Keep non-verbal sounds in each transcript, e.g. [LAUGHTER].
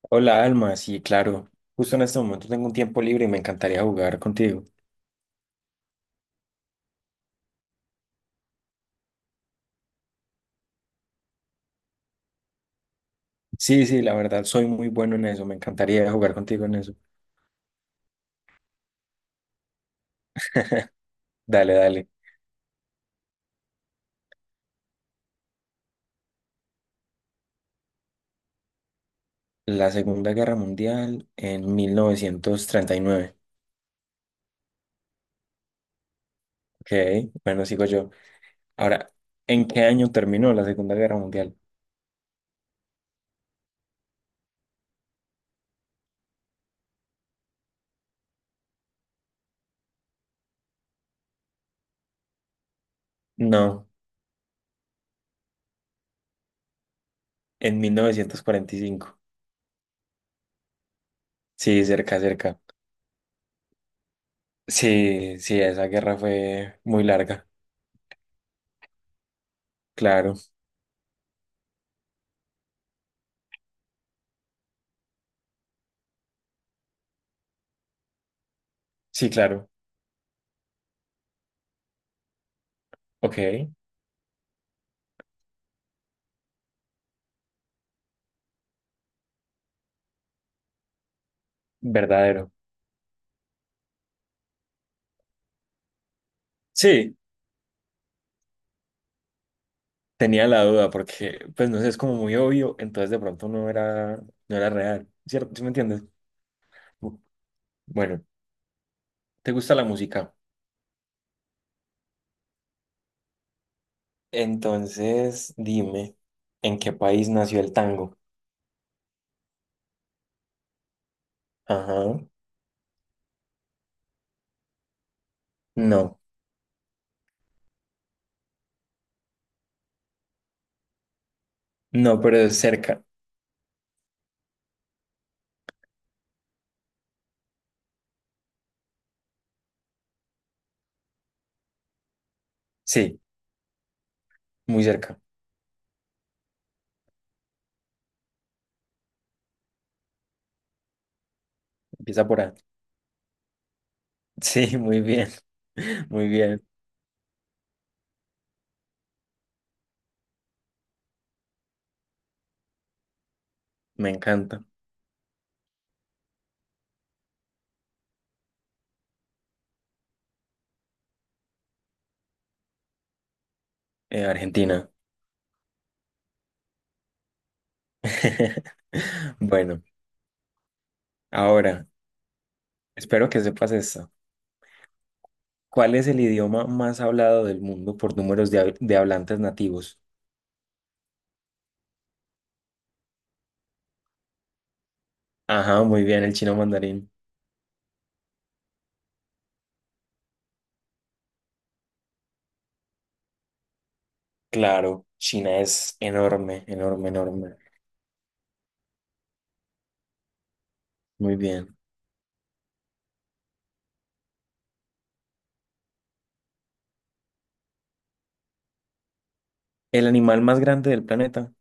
Hola, Alma, sí, claro. Justo en este momento tengo un tiempo libre y me encantaría jugar contigo. Sí, sí, la verdad, soy muy bueno en eso. Me encantaría jugar contigo en eso. Dale, dale. La Segunda Guerra Mundial en 1939. Ok, bueno, sigo yo. Ahora, ¿en qué año terminó la Segunda Guerra Mundial? No, en 1945. Sí, cerca, cerca. Sí, sí, esa guerra fue muy larga. Claro, sí, claro. Ok, verdadero. Sí, tenía la duda porque, pues no sé, es como muy obvio, entonces de pronto no era, no era real, ¿cierto? ¿Sí me entiendes? Bu- Bueno, ¿te gusta la música? Entonces, dime, ¿en qué país nació el tango? Ajá. No, no, pero es cerca. Sí, muy cerca. Empieza por A. [LAUGHS] Sí, muy bien, [LAUGHS] muy bien, me encanta. Argentina. [LAUGHS] Bueno, ahora, espero que sepas esto. ¿Cuál es el idioma más hablado del mundo por números de, hablantes nativos? Ajá, muy bien, el chino mandarín. Claro, China es enorme, enorme, enorme. Muy bien. ¿El animal más grande del planeta?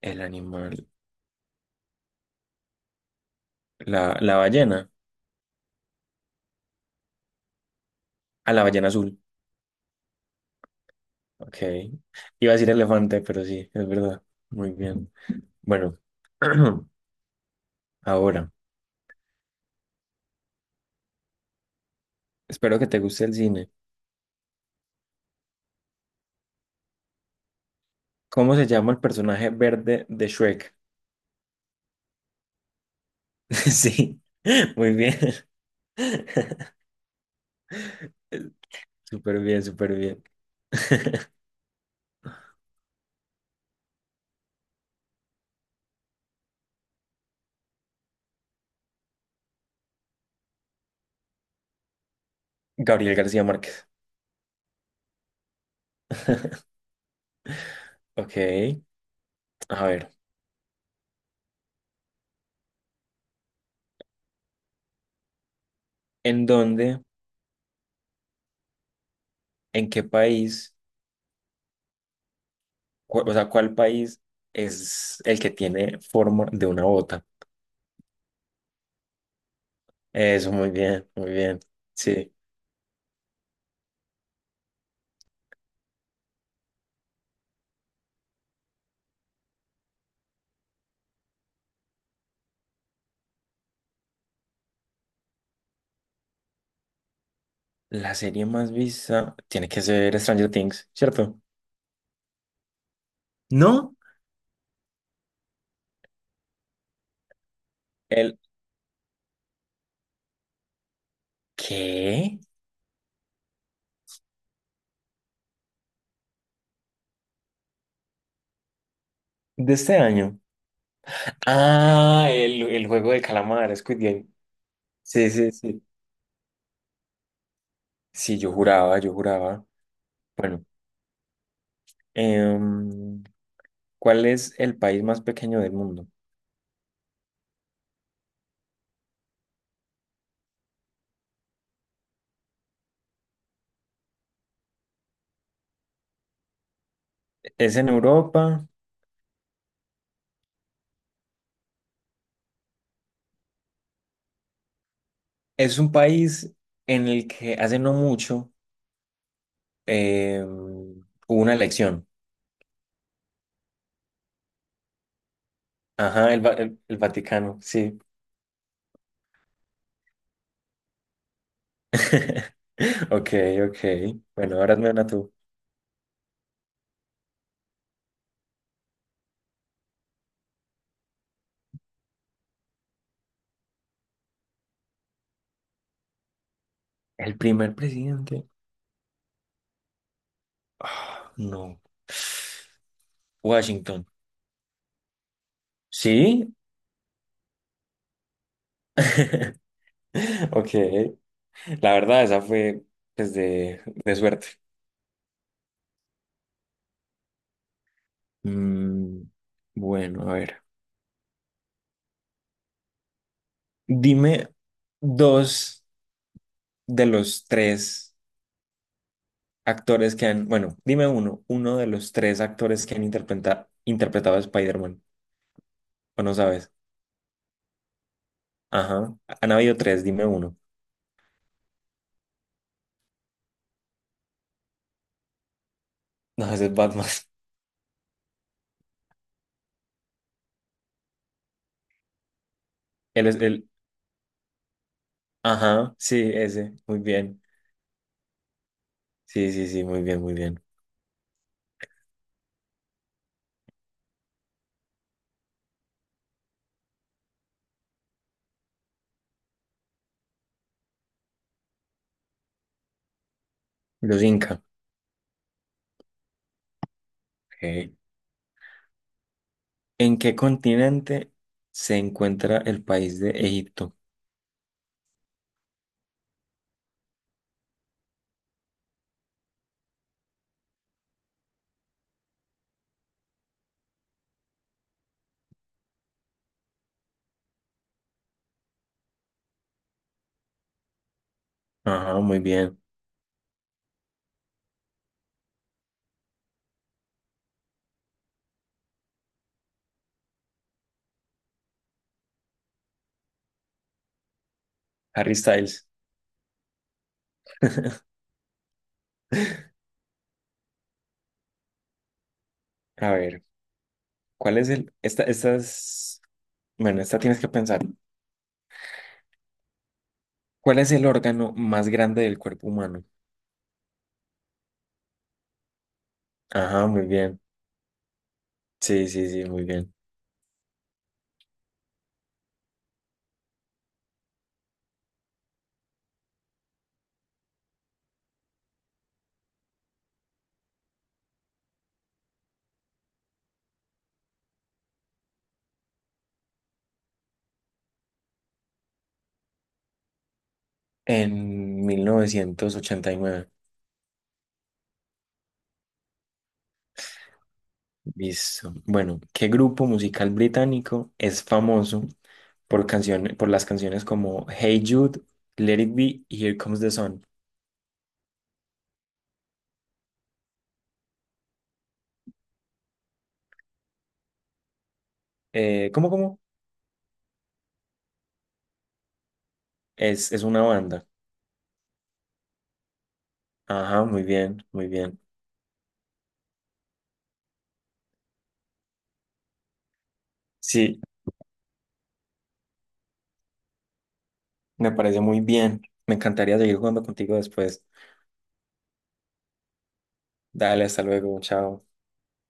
El animal, la ballena. A la ballena azul. Ok. Iba a decir elefante, pero sí, es verdad. Muy bien. Bueno, [CLEARS THROAT] ahora, espero que te guste el cine. ¿Cómo se llama el personaje verde de Shrek? [LAUGHS] Sí, muy bien. [LAUGHS] Súper bien, súper bien. [LAUGHS] Gabriel García Márquez. [LAUGHS] Ok, a ver, ¿en dónde, en qué país, cu- o sea, cuál país es el que tiene forma de una bota? Eso, muy bien, muy bien. Sí, la serie más vista tiene que ser Stranger Things, ¿cierto? ¿No? ¿El qué? ¿De este año? Ah, el juego del calamar, Squid Game. Sí, sí, sí. Sí, yo juraba, yo juraba. Bueno, em, ¿cuál es el país más pequeño del mundo? Es en Europa. Es un país en el que hace no mucho hubo una elección. Ajá, el, el Vaticano, sí. [LAUGHS] Ok, ok. Bueno, ahora me a tú. El primer presidente. Ah, no. Washington. Sí. [LAUGHS] Ok. La verdad, esa fue pues, de suerte. Mm, bueno, a ver. Dime dos de los tres actores que han, bueno, dime uno, uno de los tres actores que han interpretado a Spider-Man, o no sabes. Ajá, han habido tres, dime uno. No, ese es Batman. [LAUGHS] Él es el, ajá, sí, ese, muy bien. Sí, sí, sí, muy bien, muy bien. Los Inca. Ok. ¿En qué continente se encuentra el país de Egipto? Ajá, muy bien. Harry Styles. [LAUGHS] A ver, ¿cuál es el? Esta, estas. Bueno, esta tienes que pensar. ¿Cuál es el órgano más grande del cuerpo humano? Ajá, muy bien. Sí, sí, sí, muy bien. En 1989. Listo. Bueno, ¿qué grupo musical británico es famoso por canciones, por las canciones como Hey Jude, Let It Be y Here Comes the Sun? ¿Cómo, cómo? Es una banda. Ajá, muy bien, muy bien. Sí, me parece muy bien. Me encantaría seguir jugando contigo después. Dale, hasta luego, chao.